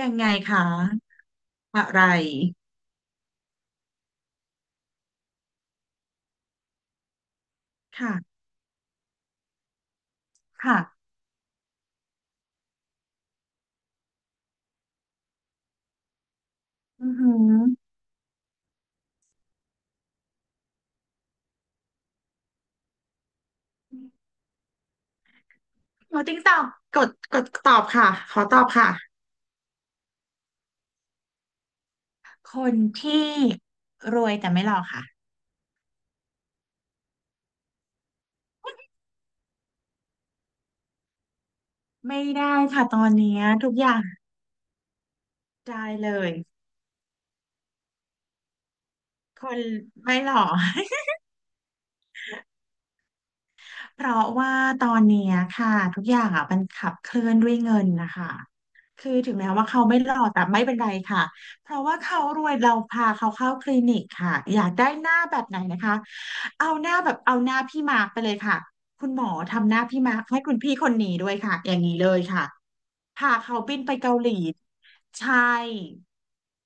ยังไงคะอะไรค่ะค่ะอือหือขอติ๊งตอบกดตอบค่ะขอตอบค่ะคนที่รวยแต่ไม่หล่อค่ะไม่ได้ค่ะตอนเนี้ยทุกอย่างได้เลยคนไม่หล่อ เพราะว่าตอนเนี้ยค่ะทุกอย่างอ่ะมันขับเคลื่อนด้วยเงินนะคะคือถึงแม้ว่าเขาไม่หล่อแต่ไม่เป็นไรค่ะเพราะว่าเขารวยเราพาเขาเข้าคลินิกค่ะอยากได้หน้าแบบไหนนะคะเอาหน้าแบบเอาหน้าพี่มาร์คไปเลยค่ะคุณหมอทำหน้าพี่มาร์คให้คุณพี่คนนี้ด้วยค่ะอย่างนี้เลยค่ะ พาเขาบินไปเกาหลีใช่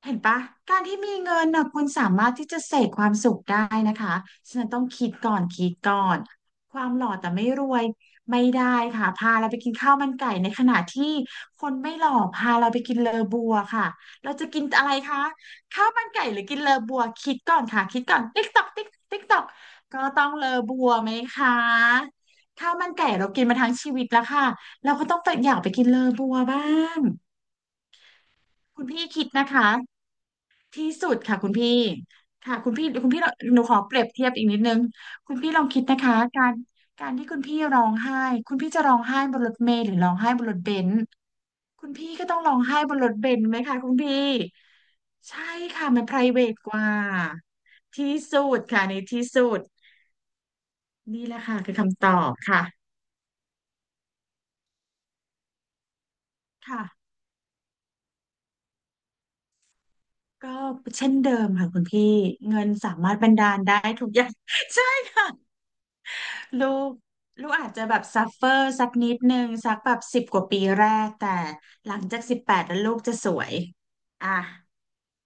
เห็นปะการที่มีเงินน่ะคุณสามารถที่จะเสกความสุขได้นะคะฉะนันต้องคิดก่อนคิดก่อนความหล่อแต่ไม่รวยไม่ได้ค่ะพาเราไปกินข้าวมันไก่ในขณะที่คนไม่หล่อพาเราไปกินเลอบัวค่ะเราจะกินอะไรคะข้าวมันไก่หรือกินเลอบัวคิดก่อนค่ะคิดก่อนติ๊กตอกติ๊กติ๊กตอกก็ต้องเลอบัวไหมคะข้าวมันไก่เรากินมาทั้งชีวิตแล้วค่ะ เราก็ต้องอยากไปกินเลอบัวบ้างคุณพี่คิดนะคะที่สุดค่ะคุณพี่ค่ะคุณพี่หนูขอเปรียบเทียบอีกนิดนึงคุณพี่ลองคิดนะคะการที่คุณพี่ร้องไห้คุณพี่จะร้องไห้บนรถเมล์หรือร้องไห้บนรถเบนซ์คุณพี่ก็ต้องร้องไห้บนรถเบนซ์ไหมคะคุณพี่ใช่ค่ะมัน private กว่าที่สุดค่ะในที่สุดนี่แหละค่ะคือคำตอบค่ะค่ะ ก็เช่นเดิมค่ะคุณพี่เงินสามารถบันดาลได้ทุกอย่าง ใช่ค่ะลูกลูกอาจจะแบบซัฟเฟอร์สักนิดนึงสักแบบสิบกว่าปีแรกแต่หลังจากสิบแปดแล้วลูกจะสวยอ่ะ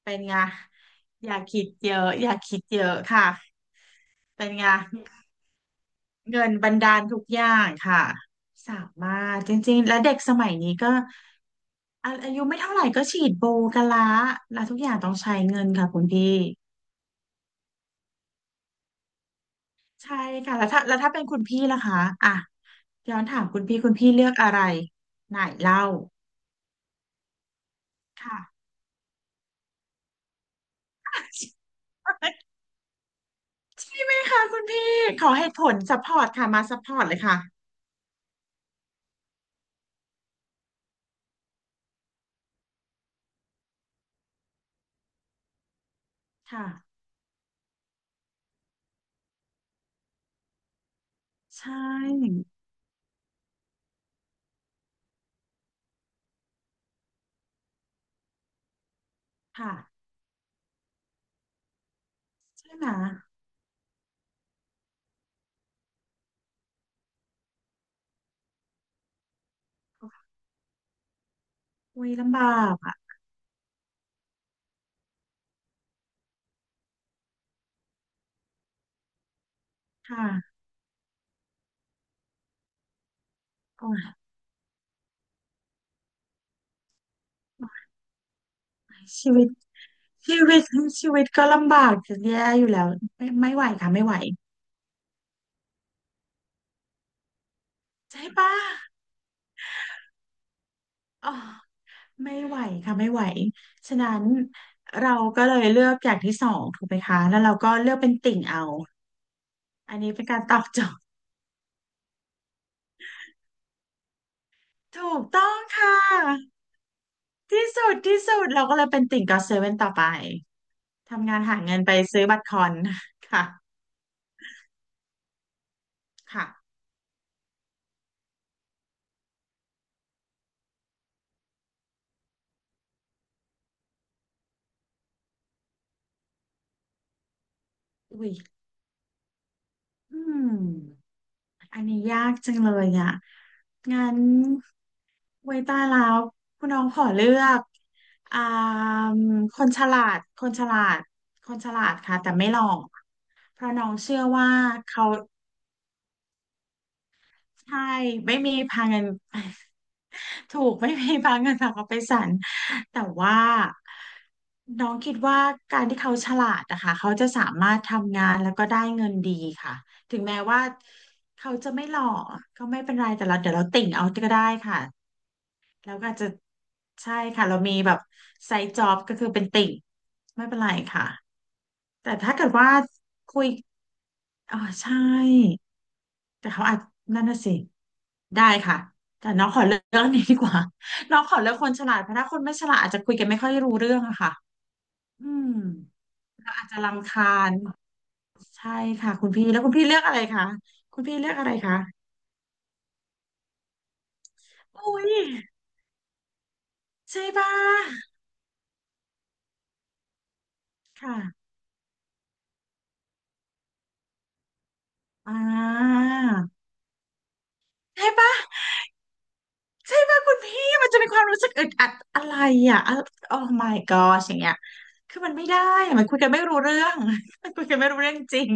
เป็นไงอย่าคิดเยอะอย่าคิดเยอะค่ะเป็นไงเงินบันดาลทุกอย่างค่ะสามารถจริงๆและเด็กสมัยนี้ก็อายุไม่เท่าไหร่ก็ฉีดโบกันละแล้วทุกอย่างต้องใช้เงินค่ะคุณพี่ ใช่ค่ะแล้วถ้าเป็นคุณพี่ล่ะคะอ่ะย้อนถามคุณพี่คุณพี่เลือกอะไรไหนเล่าค่ะ ใช่ไหมคะคุณพี่ขอเหตุผลซัพพอร์ตค่ะมาซัพพอร์ตเลยค่ะค่ะใช่ค่ะใช่ไหมอุ้ยลำบากอ่ะค่ะโอ้ยชีวิตชีวิตชีวิตก็ลำบากจะแย่อยู่แล้วไม่ไหวค่ะไม่ไหวใช่ปะอ๋อ ไม่ไหวค่ะไม่ไหว ฉะนั้นเราก็เลยเลือกอย่างที่สองถูกไหมคะแล้วเราก็เลือกเป็นติ่งเอา อันนี้เป็นการตอบโจทย์ถูกต้องค่ะที่สุดเราก็เลยเป็นติ่งก็อตเซเว่นต่อไปทำงานหาเงินไปซื้อบัตรคอนค่ะค่ะอุ้ยอืมอันนี้ยากจังเลยอ่ะงั้นไว้ตายแล้วคุณน้องขอเลือกอ่าคนฉลาดคนฉลาดค่ะแต่ไม่หล่อ เพราะน้องเชื่อว่าเขาใช่ไม่มีพาเงิน ถูกไม่มีพาเงินฝากเขาไปศาลแต่ว่าน้องคิดว่าการที่เขาฉลาดนะคะเขาจะสามารถทำงานแล้วก็ได้เงินดีค่ะถึงแม้ว่าเขาจะไม่หล่อก็ไม่เป็นไรแต่เราเดี๋ยวเราติ่งเอาก็ได้ค่ะแล้วก็อาจจะใช่ค่ะเรามีแบบไซด์จ็อบก็คือเป็นติ่งไม่เป็นไรค่ะแต่ถ้าเกิดว่าคุย อ๋อใช่แต่เขาอาจนั่นน่ะสิได้ค่ะแต่น้องขอเลือกเรื่องนี้ดีกว่า น้องขอเลือกคนฉลาดเพราะถ้าคนไม่ฉลาดอาจจะคุยกันไม่ค่อยรู้เรื่องอะค่ะอืมอาจจะรำคาญใช่ค่ะคุณพี่แล้วคุณพี่เลือกอะไรคะคุณพี่เลือกอะไรคะอุ้ยใช่ป่ะค่ะอ่าใช่ป่ะ ใช่ไหมคุณพี่มันจะมีความรู้สึกอึดอัดอะไรอ่ะโอ้ my god อย่างเงี้ยคือมันไม่ได้อะมันคุยกันไม่รู้เรื่อง มันคุยกันไม่รู้เรื่องจริง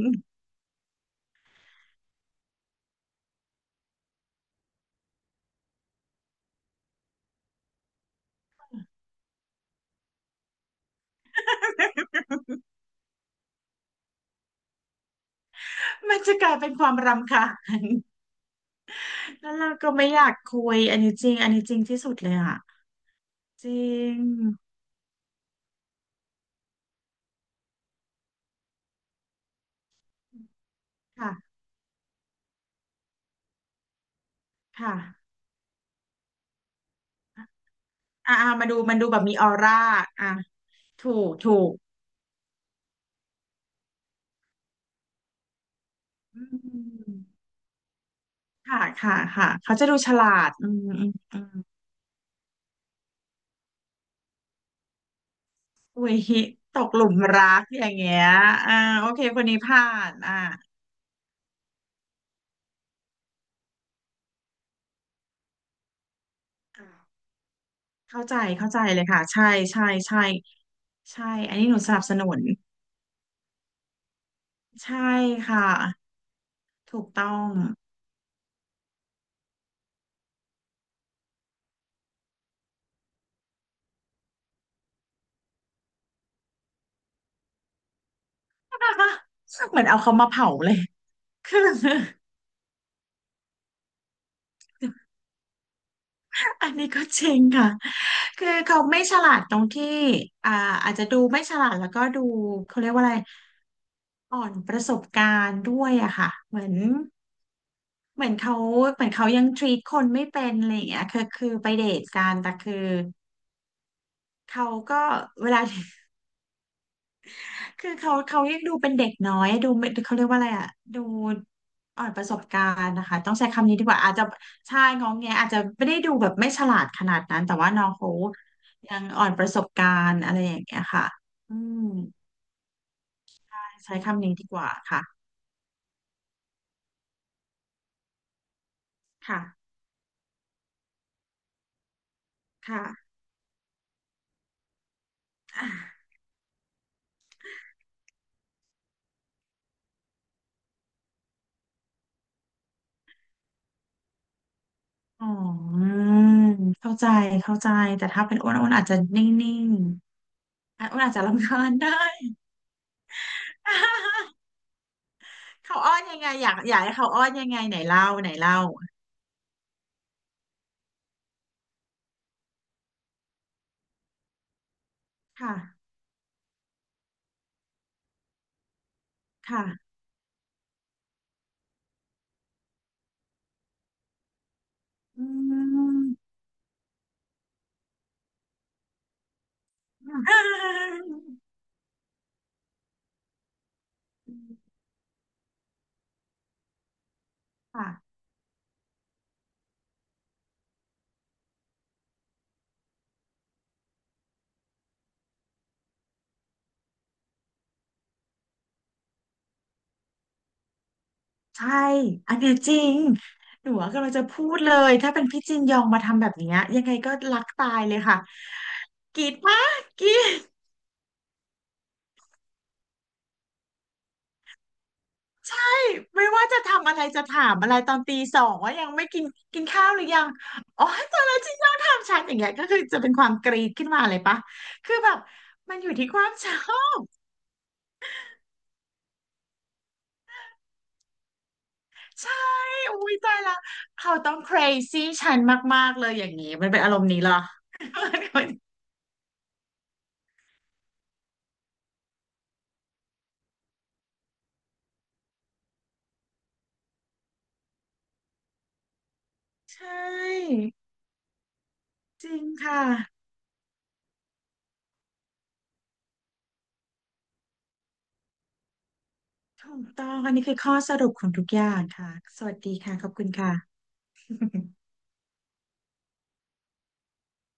มันจะกลายเป็นความรำคาญแล้วเราก็ไม่อยากคุยอันนี้จริงอันนี้จริงที่สุดเลยอ่ะจริงค่ะค่ะอ่ามาดูมันดูแบบมีออร่าอ่ะถูกอืมค่ะเขาจะดูฉลาดอืมอุ้ยตกหลุมรักอย่างเงี้ยอ่าโอเคคนนี้ผ่านอ่า อ่าเข้าใจเข้าใจเลยค่ะใช่ใช่ใช่ใช่อันนี้หนูสนับสนุนใช่ค่ะถูกต้อง เหมือนเอาเขามาเผาเลย คือ อันนี้ก็จริงค่ะคือเขาไม่ฉลาดตรงที่อ่าอาจจะดูไม่ฉลาดแล้วก็ดูเขาเรียกว่าอะไรอ่อนประสบการณ์ด้วยอะค่ะเหมือนเหมือนเขาเหมือนเขายังทรีตคนไม่เป็นอะไรอย่างเงี้ยคือไปเดทกันแต่คือเขาก็เวลา คือเขายังดูเป็นเด็กน้อยดูไม่เขาเรียกว่าอะไรอ่ะดูอ่อนประสบการณ์นะคะต้องใช้คำนี้ดีกว่าอาจจะใช่งองแงอาจจะไม่ได้ดูแบบไม่ฉลาดขนาดนั้นแต่ว่าน้องเขายังอ่อนประสบการณ์อะไรอย่างเงี้ยค่ะอืมใช้คำนี้ดีกว่าค่ะค่ะค่ะอ่ะอ๋อเข้าใจเข้าใจแต่ถ้าเป็นอ้วนอาจจะนิ่งๆอะอ้วนอาจจะรำคาญได้ เขาอ้อนยังไงอยากให้เขาอ้อนยังไงไหนเล่าไหนเล่าค่ะค่ะ อืมค่ะใช่ อันเนี้ยจริงหนูกำลังจะพูดเลย ถ้าเป็นพี่จินยองมาทำแบบเนี้ยยังไงก็รักตายเลยค่ะกรีดปะกรีดใช่ไม่ว่าจะทำอะไรจะถามอะไรตอนตีสองว่ายังไม่กินกินข้าวหรือยังอ๋อตอนนั้นจินยองถามฉันอย่างเงี้ยก็คือจะเป็นความกรีดขึ้นมาเลยปะคือแบบมันอยู่ที่ความชอบ ใช่ อุ้ยตายละเขาต้อง crazy ฉันมากๆเลยอย่างนี้มันเป็นอารมณ์นี้เหรอ ใช่จริงค่ะถูกต้องอันนี้คือข้อสรุปของทุกอย่างค่ะสวัสดีค่ะขอบคุณค่ะ